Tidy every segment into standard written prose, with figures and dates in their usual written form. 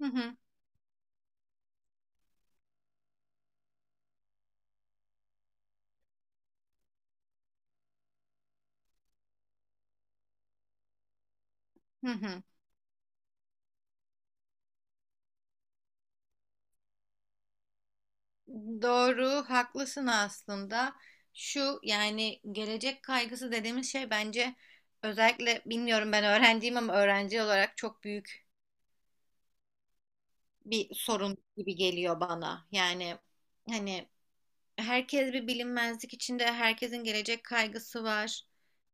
Hı hı, hı hı. Doğru, haklısın aslında. Şu yani gelecek kaygısı dediğimiz şey bence özellikle bilmiyorum ben öğrenciyim ama öğrenci olarak çok büyük bir sorun gibi geliyor bana. Yani hani herkes bir bilinmezlik içinde, herkesin gelecek kaygısı var.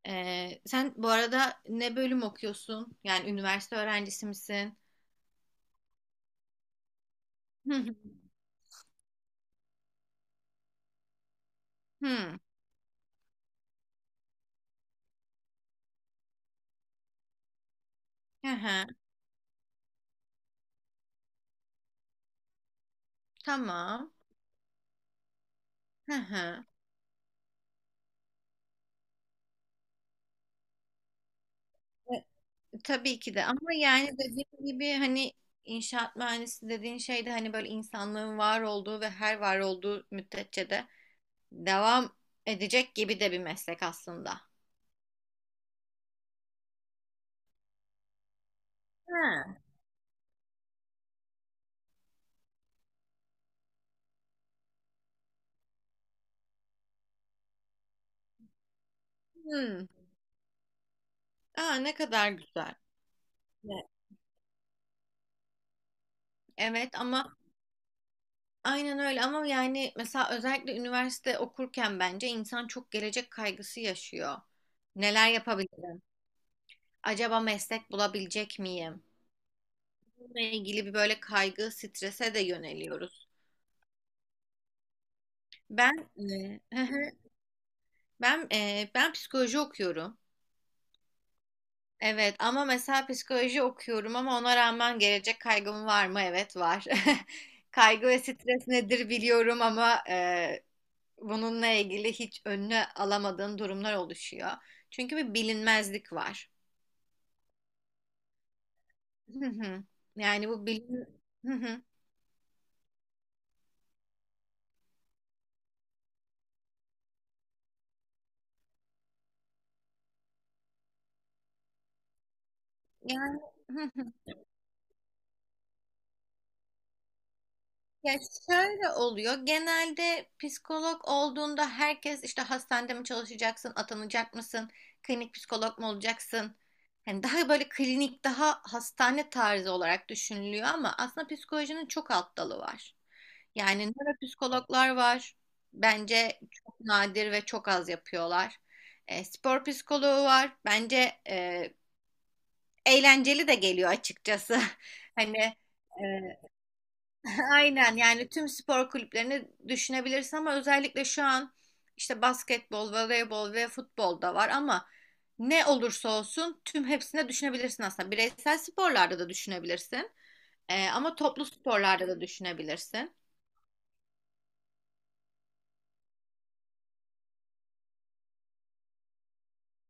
Sen bu arada ne bölüm okuyorsun? Yani üniversite öğrencisi misin? Hı hı. Hı. Hı hı. Tamam. Hı hı. Tabii ki de ama yani dediğim gibi hani inşaat mühendisi dediğin şey de hani böyle insanlığın var olduğu ve her var olduğu müddetçe de devam edecek gibi de bir meslek aslında. Ha. Hmm. Aa, ne kadar güzel. Evet, evet ama aynen öyle ama yani mesela özellikle üniversite okurken bence insan çok gelecek kaygısı yaşıyor. Neler yapabilirim? Acaba meslek bulabilecek miyim? Bununla ilgili bir böyle kaygı, strese de yöneliyoruz. Hı hı. Ben psikoloji okuyorum. Evet ama mesela psikoloji okuyorum ama ona rağmen gelecek kaygım var mı? Evet var. Kaygı ve stres nedir biliyorum ama bununla ilgili hiç önüne alamadığım durumlar oluşuyor. Çünkü bir bilinmezlik var. Hı hı. Yani bu bilin Hı hı. Yani ya şöyle oluyor. Genelde psikolog olduğunda herkes işte hastanede mi çalışacaksın, atanacak mısın, klinik psikolog mu olacaksın? Hani daha böyle klinik, daha hastane tarzı olarak düşünülüyor ama aslında psikolojinin çok alt dalı var. Yani nöropsikologlar var. Bence çok nadir ve çok az yapıyorlar. Spor psikoloğu var. Bence eğlenceli de geliyor açıkçası. Hani e, aynen yani tüm spor kulüplerini düşünebilirsin ama özellikle şu an işte basketbol, voleybol ve futbol da var ama ne olursa olsun tüm hepsine düşünebilirsin aslında. Bireysel sporlarda da düşünebilirsin, ama toplu sporlarda da düşünebilirsin.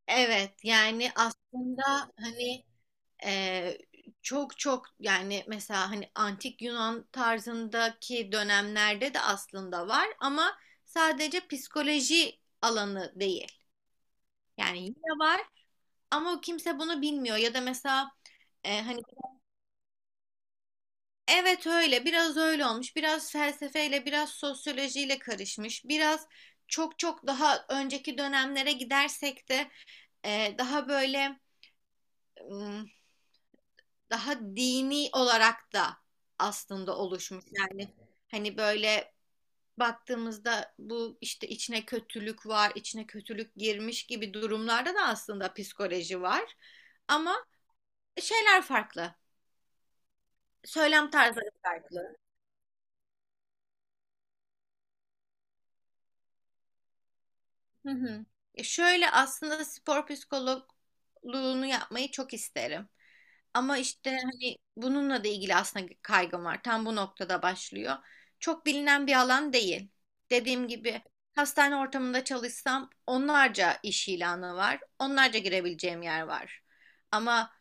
Evet yani aslında hani e, çok çok yani mesela hani antik Yunan tarzındaki dönemlerde de aslında var ama sadece psikoloji alanı değil. Yani yine var. Ama kimse bunu bilmiyor ya da mesela hani evet öyle biraz öyle olmuş biraz felsefeyle biraz sosyolojiyle karışmış biraz çok çok daha önceki dönemlere gidersek de daha böyle m, daha dini olarak da aslında oluşmuş yani hani böyle baktığımızda bu işte içine kötülük var içine kötülük girmiş gibi durumlarda da aslında psikoloji var ama şeyler farklı söylem tarzları farklı. Hı hı. Şöyle aslında spor psikologluğunu yapmayı çok isterim. Ama işte hani bununla da ilgili aslında kaygım var. Tam bu noktada başlıyor. Çok bilinen bir alan değil. Dediğim gibi hastane ortamında çalışsam onlarca iş ilanı var. Onlarca girebileceğim yer var. Ama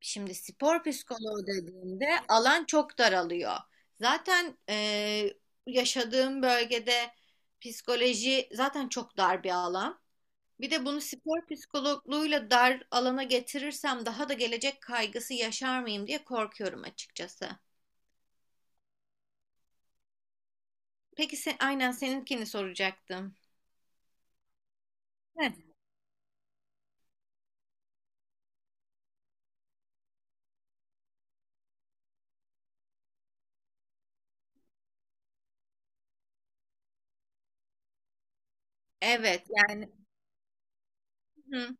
şimdi spor psikoloğu dediğimde alan çok daralıyor. Zaten yaşadığım bölgede psikoloji zaten çok dar bir alan. Bir de bunu spor psikologluğuyla dar alana getirirsem daha da gelecek kaygısı yaşar mıyım diye korkuyorum açıkçası. Peki sen, aynen seninkini soracaktım. Heh, evet yani, hı,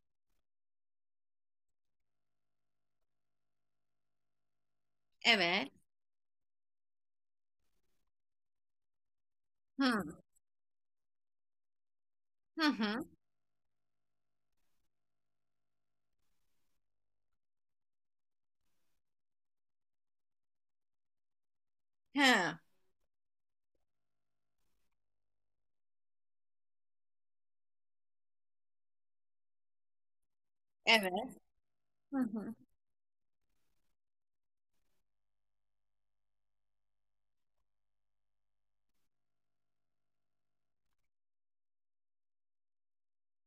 evet, hı, hı, hı, hı, evet, hı, hı,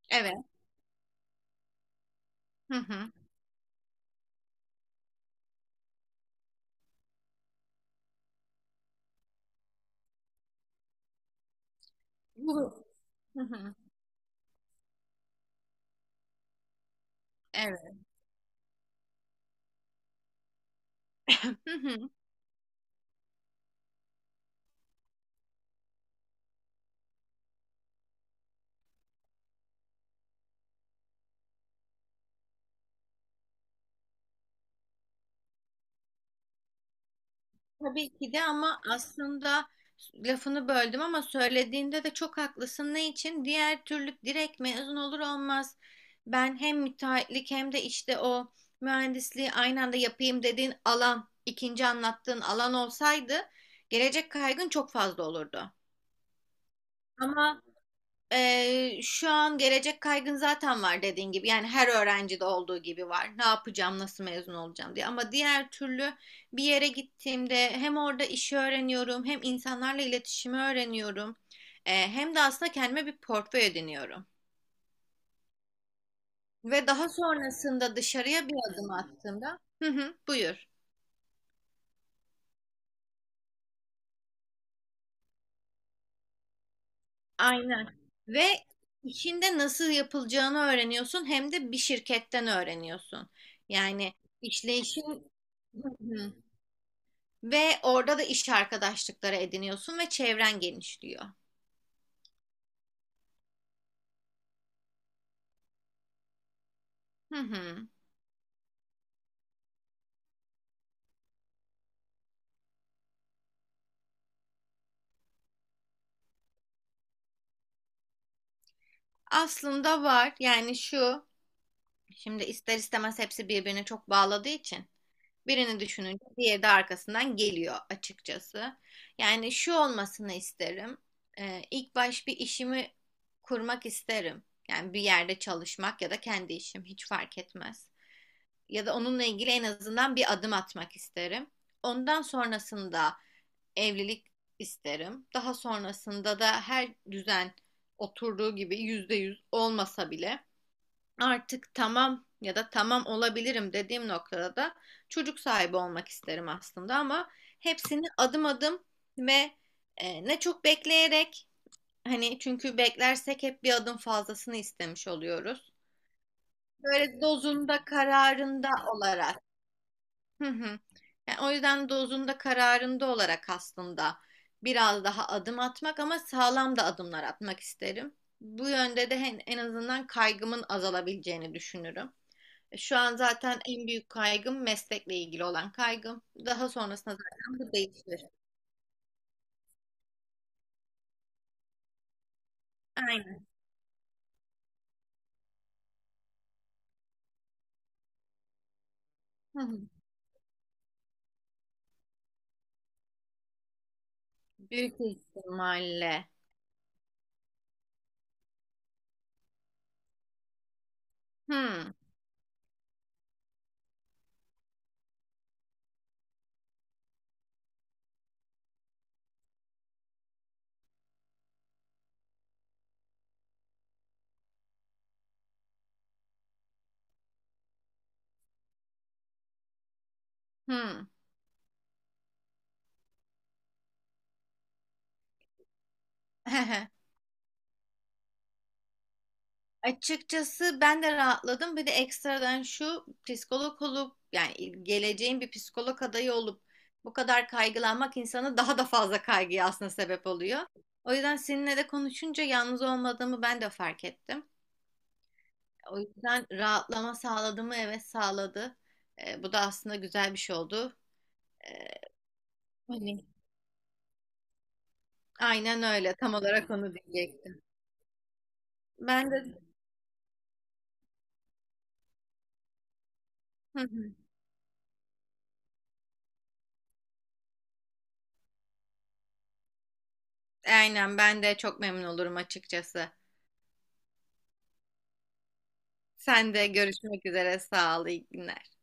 evet, hı, hı, bu- hı, hı, evet. Hı hı. Tabii ki de ama aslında lafını böldüm ama söylediğinde de çok haklısın. Ne için? Diğer türlü direkt mezun olur olmaz. Ben hem müteahhitlik hem de işte o mühendisliği aynı anda yapayım dediğin alan, ikinci anlattığın alan olsaydı gelecek kaygın çok fazla olurdu. Ama şu an gelecek kaygın zaten var dediğin gibi. Yani her öğrencide olduğu gibi var. Ne yapacağım, nasıl mezun olacağım diye. Ama diğer türlü bir yere gittiğimde hem orada işi öğreniyorum, hem insanlarla iletişimi öğreniyorum. Hem de aslında kendime bir portföy ediniyorum. Ve daha sonrasında dışarıya bir adım attığımda, hı hı, buyur. Aynen. Ve işinde nasıl yapılacağını öğreniyorsun, hem de bir şirketten öğreniyorsun. Yani işleyişin. Ve orada da iş arkadaşlıkları ediniyorsun ve çevren genişliyor. Hı hı. Aslında var yani şu şimdi ister istemez hepsi birbirine çok bağladığı için birini düşününce diğeri de arkasından geliyor açıkçası. Yani şu olmasını isterim. İlk baş bir işimi kurmak isterim. Yani bir yerde çalışmak ya da kendi işim hiç fark etmez. Ya da onunla ilgili en azından bir adım atmak isterim. Ondan sonrasında evlilik isterim. Daha sonrasında da her düzen oturduğu gibi %100 olmasa bile artık tamam ya da tamam olabilirim dediğim noktada da çocuk sahibi olmak isterim aslında ama hepsini adım adım ve ne çok bekleyerek hani çünkü beklersek hep bir adım fazlasını istemiş oluyoruz. Böyle dozunda kararında olarak. Hı hı. Yani o yüzden dozunda kararında olarak aslında biraz daha adım atmak ama sağlam da adımlar atmak isterim. Bu yönde de en azından kaygımın azalabileceğini düşünürüm. Şu an zaten en büyük kaygım meslekle ilgili olan kaygım. Daha sonrasında zaten bu değişir. Aynen. Hı hı. Büyük ihtimalle. Hı hı. Açıkçası ben de rahatladım. Bir de ekstradan şu psikolog olup yani geleceğin bir psikolog adayı olup bu kadar kaygılanmak insanı daha da fazla kaygıya aslında sebep oluyor. O yüzden seninle de konuşunca yalnız olmadığımı ben de fark ettim. O yüzden rahatlama sağladı mı? Evet sağladı. Bu da aslında güzel bir şey oldu. Ee, Hani aynen öyle. Tam olarak onu diyecektim. Ben de aynen ben de çok memnun olurum açıkçası. Sen de görüşmek üzere. Sağ ol. İyi günler.